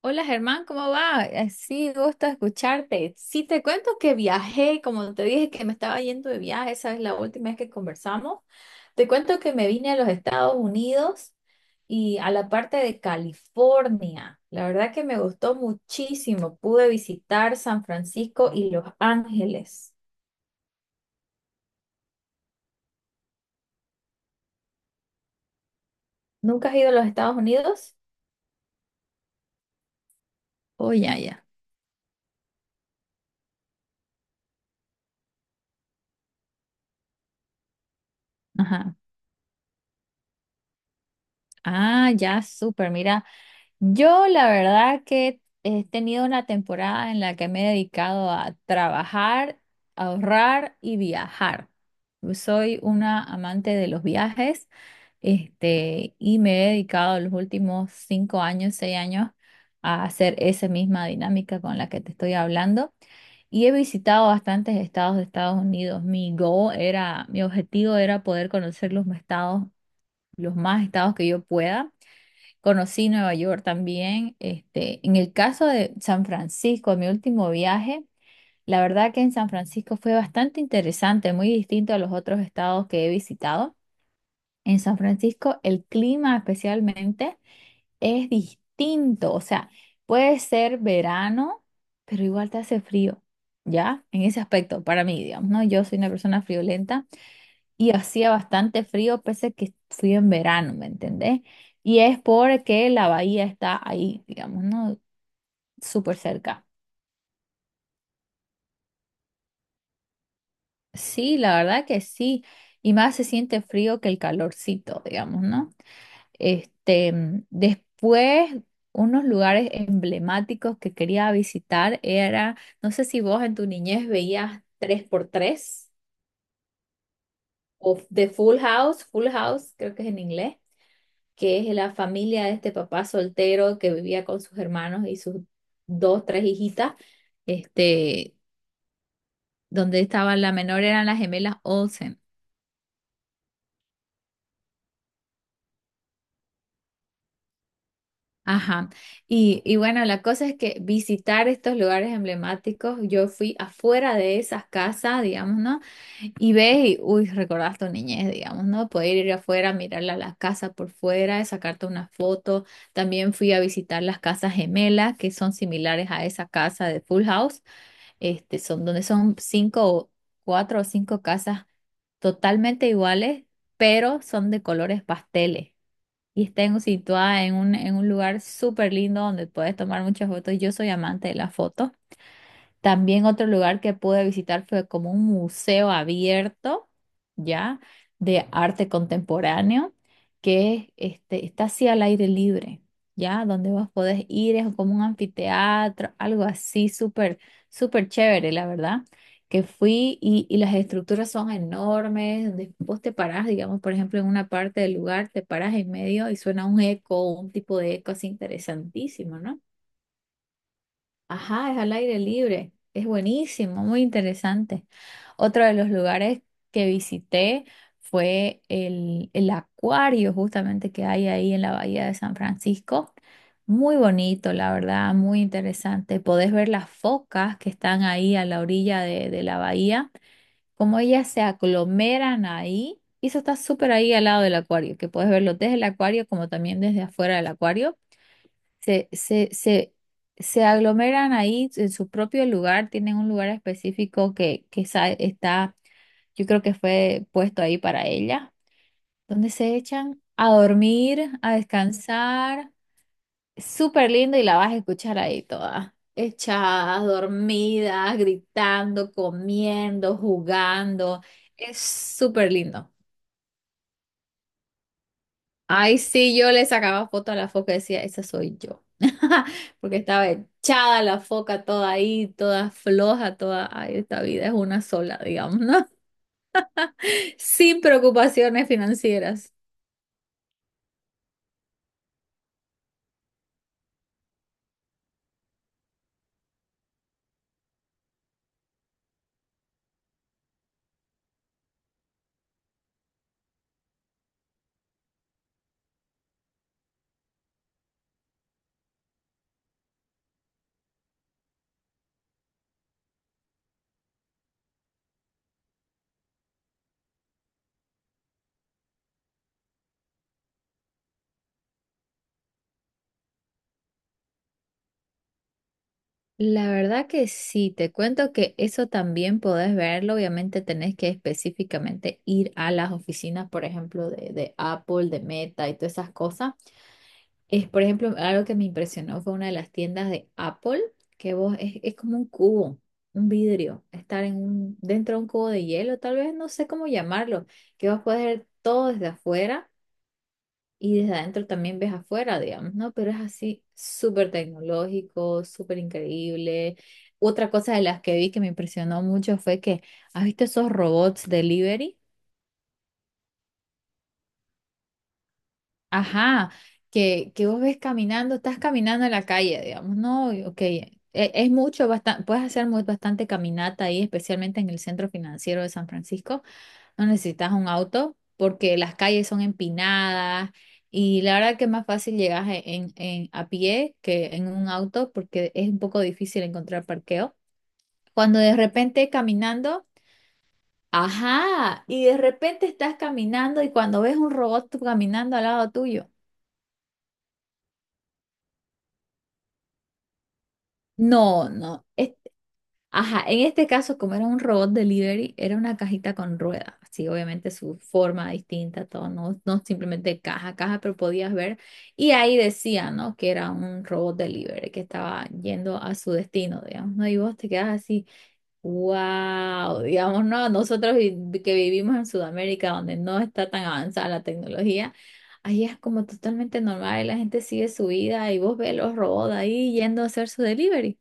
Hola Germán, ¿cómo va? Sí, gusto escucharte. Sí, te cuento que viajé, como te dije que me estaba yendo de viaje, esa es la última vez que conversamos. Te cuento que me vine a los Estados Unidos y a la parte de California. La verdad que me gustó muchísimo. Pude visitar San Francisco y Los Ángeles. ¿Nunca has ido a los Estados Unidos? Oh, ya, ya. Ajá. Ah, ya, súper. Mira, yo la verdad que he tenido una temporada en la que me he dedicado a trabajar, ahorrar y viajar. Yo soy una amante de los viajes, y me he dedicado los últimos 5 años, 6 años a hacer esa misma dinámica con la que te estoy hablando. Y he visitado bastantes estados de Estados Unidos. Mi goal era, mi objetivo era poder conocer los estados, los más estados que yo pueda. Conocí Nueva York también. Este, en el caso de San Francisco, mi último viaje, la verdad que en San Francisco fue bastante interesante, muy distinto a los otros estados que he visitado. En San Francisco, el clima especialmente es distinto, o sea, puede ser verano, pero igual te hace frío, ¿ya? En ese aspecto, para mí, digamos, ¿no? Yo soy una persona friolenta y hacía bastante frío, pese a que fui en verano, ¿me entendés? Y es porque la bahía está ahí, digamos, ¿no? Súper cerca. Sí, la verdad que sí. Y más se siente frío que el calorcito, digamos, ¿no? Después, unos lugares emblemáticos que quería visitar era, no sé si vos en tu niñez veías tres por tres o The Full House, Full House, creo que es en inglés. Que es la familia de este papá soltero que vivía con sus hermanos y sus dos, tres hijitas, este, donde estaba la menor eran las gemelas Olsen. Ajá. Y bueno, la cosa es que visitar estos lugares emblemáticos, yo fui afuera de esas casas, digamos, ¿no? Y ves y, uy, recordás tu niñez, digamos, ¿no? Poder ir afuera, mirar las casas por fuera, sacarte una foto. También fui a visitar las casas gemelas, que son similares a esa casa de Full House. Son donde son cuatro o cinco casas totalmente iguales, pero son de colores pasteles. Y está situada en en un lugar súper lindo donde puedes tomar muchas fotos. Yo soy amante de la foto. También otro lugar que pude visitar fue como un museo abierto, ¿ya? De arte contemporáneo, que está así al aire libre, ¿ya? Donde vos podés ir, es como un anfiteatro, algo así súper, súper chévere, la verdad. Que fui y las estructuras son enormes, donde vos te parás, digamos, por ejemplo, en una parte del lugar, te parás en medio y suena un eco, un tipo de eco así interesantísimo, ¿no? Ajá, es al aire libre. Es buenísimo, muy interesante. Otro de los lugares que visité fue el acuario justamente que hay ahí en la bahía de San Francisco. Muy bonito, la verdad, muy interesante. Podés ver las focas que están ahí a la orilla de la bahía, como ellas se aglomeran ahí. Y eso está súper ahí al lado del acuario, que podés verlo desde el acuario como también desde afuera del acuario se, se, se, se aglomeran ahí en su propio lugar, tienen un lugar específico que está, yo creo que fue puesto ahí para ella, donde se echan a dormir, a descansar. Súper lindo y la vas a escuchar ahí toda. Echadas, dormidas, gritando, comiendo, jugando. Es súper lindo. Ay, sí, yo le sacaba foto a la foca y decía, esa soy yo. Porque estaba echada la foca toda ahí, toda floja, toda, ay, esta vida es una sola, digamos, ¿no? Sin preocupaciones financieras. La verdad que sí, te cuento que eso también podés verlo. Obviamente tenés que específicamente ir a las oficinas, por ejemplo, de Apple, de Meta y todas esas cosas. Es, por ejemplo, algo que me impresionó fue una de las tiendas de Apple, que es como un cubo, un vidrio, estar en dentro de un cubo de hielo, tal vez no sé cómo llamarlo, que vos puedes ver todo desde afuera y desde adentro también ves afuera, digamos, ¿no? Pero es así súper tecnológico, súper increíble. Otra cosa de las que vi que me impresionó mucho fue que, ¿has visto esos robots delivery? Ajá, que vos ves caminando, estás caminando en la calle, digamos, ¿no? Y, Ok, es, mucho, bastante, puedes hacer muy, bastante caminata ahí, especialmente en el centro financiero de San Francisco. No necesitas un auto porque las calles son empinadas y la verdad que es más fácil llegar en, a pie que en un auto porque es un poco difícil encontrar parqueo. Cuando de repente caminando... Ajá, y de repente estás caminando y cuando ves un robot tú caminando al lado tuyo. No, no. Ajá, en este caso, como era un robot delivery, era una cajita con ruedas. Sí, obviamente su forma distinta, todo, no, no simplemente caja, caja, pero podías ver. Y ahí decía, ¿no? Que era un robot delivery que estaba yendo a su destino, digamos, ¿no? Y vos te quedas así, wow, digamos, ¿no? Que vivimos en Sudamérica, donde no está tan avanzada la tecnología, ahí es como totalmente normal y la gente sigue su vida y vos ves los robots ahí yendo a hacer su delivery.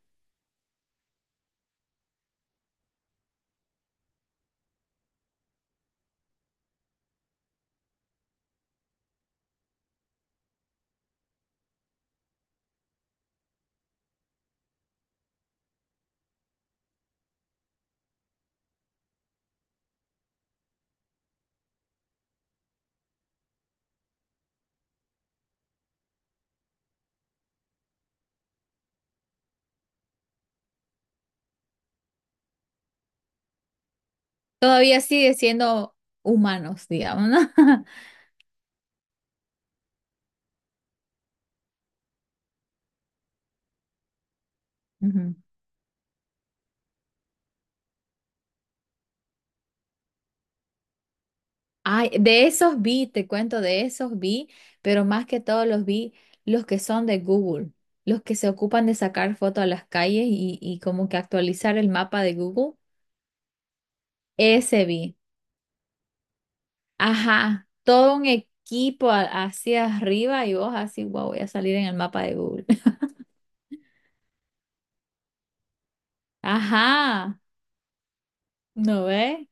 Todavía sigue siendo humanos, digamos, ¿no? Ujú. Ay, de esos vi, te cuento, de esos vi, pero más que todos los vi los que son de Google, los que se ocupan de sacar fotos a las calles y como que actualizar el mapa de Google. Ese vi. Ajá, todo un equipo hacia arriba y vos así, wow, voy a salir en el mapa de Google. Ajá, ¿no ves?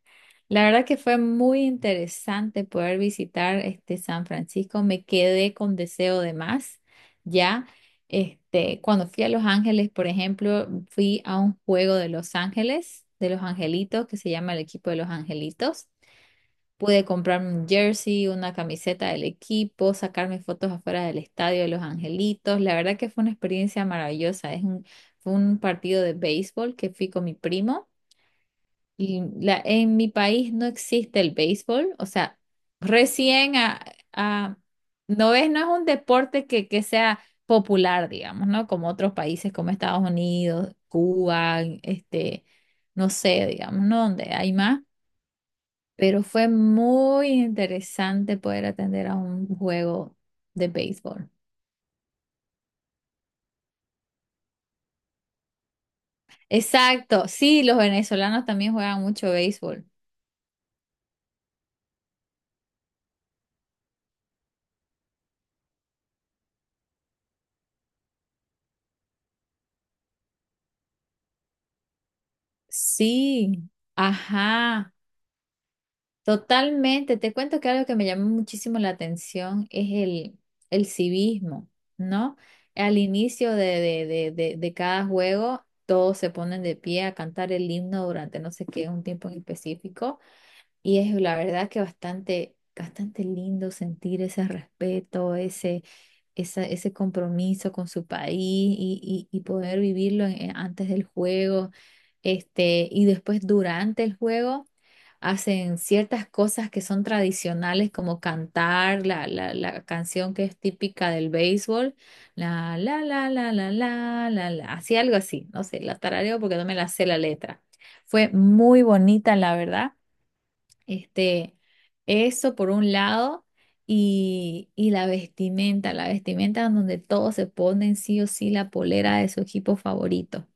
La verdad que fue muy interesante poder visitar este San Francisco. Me quedé con deseo de más. Ya, cuando fui a Los Ángeles, por ejemplo, fui a un juego de Los Ángeles, de los Angelitos, que se llama el equipo de los Angelitos. Pude comprarme un jersey, una camiseta del equipo, sacarme fotos afuera del estadio de los Angelitos. La verdad que fue una experiencia maravillosa. Fue un partido de béisbol que fui con mi primo. Y la, en mi país no existe el béisbol, o sea, recién a, a- no es, no es un deporte que sea popular, digamos, ¿no? Como otros países como Estados Unidos, Cuba, no sé, digamos, ¿no? Donde hay más, pero fue muy interesante poder atender a un juego de béisbol. Exacto, sí, los venezolanos también juegan mucho béisbol. Sí, ajá. Totalmente, te cuento que algo que me llamó muchísimo la atención es el civismo, ¿no? Al inicio de cada juego, todos se ponen de pie a cantar el himno durante no sé qué, un tiempo en específico. Y es la verdad que bastante, bastante lindo sentir ese respeto, ese compromiso con su país y, y poder vivirlo antes del juego, y después durante el juego hacen ciertas cosas que son tradicionales como cantar la canción que es típica del béisbol, la la la la la la la la, así algo así, no sé, la tarareo porque no me la sé la letra. Fue muy bonita, la verdad. Este, eso por un lado, y la vestimenta en donde todos se ponen sí o sí la polera de su equipo favorito.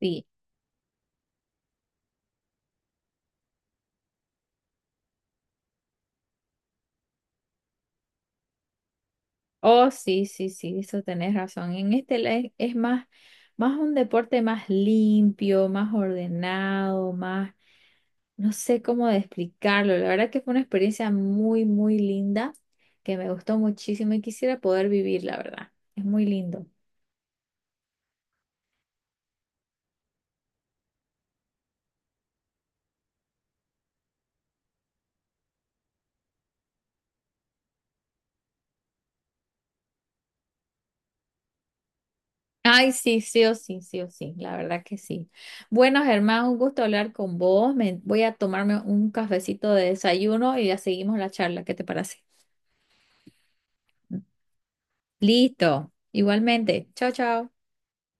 Sí. Oh, sí, sí, sí, eso tenés razón. En este es más, más un deporte más limpio, más ordenado, más, no sé cómo de explicarlo. La verdad que fue una experiencia muy, muy linda, que me gustó muchísimo y quisiera poder vivir, la verdad. Es muy lindo. Ay, sí, sí o sí, sí o sí, la verdad que sí. Bueno, Germán, un gusto hablar con vos. Me, voy a tomarme un cafecito de desayuno y ya seguimos la charla. ¿Qué te parece? Listo, igualmente. Chao, chao.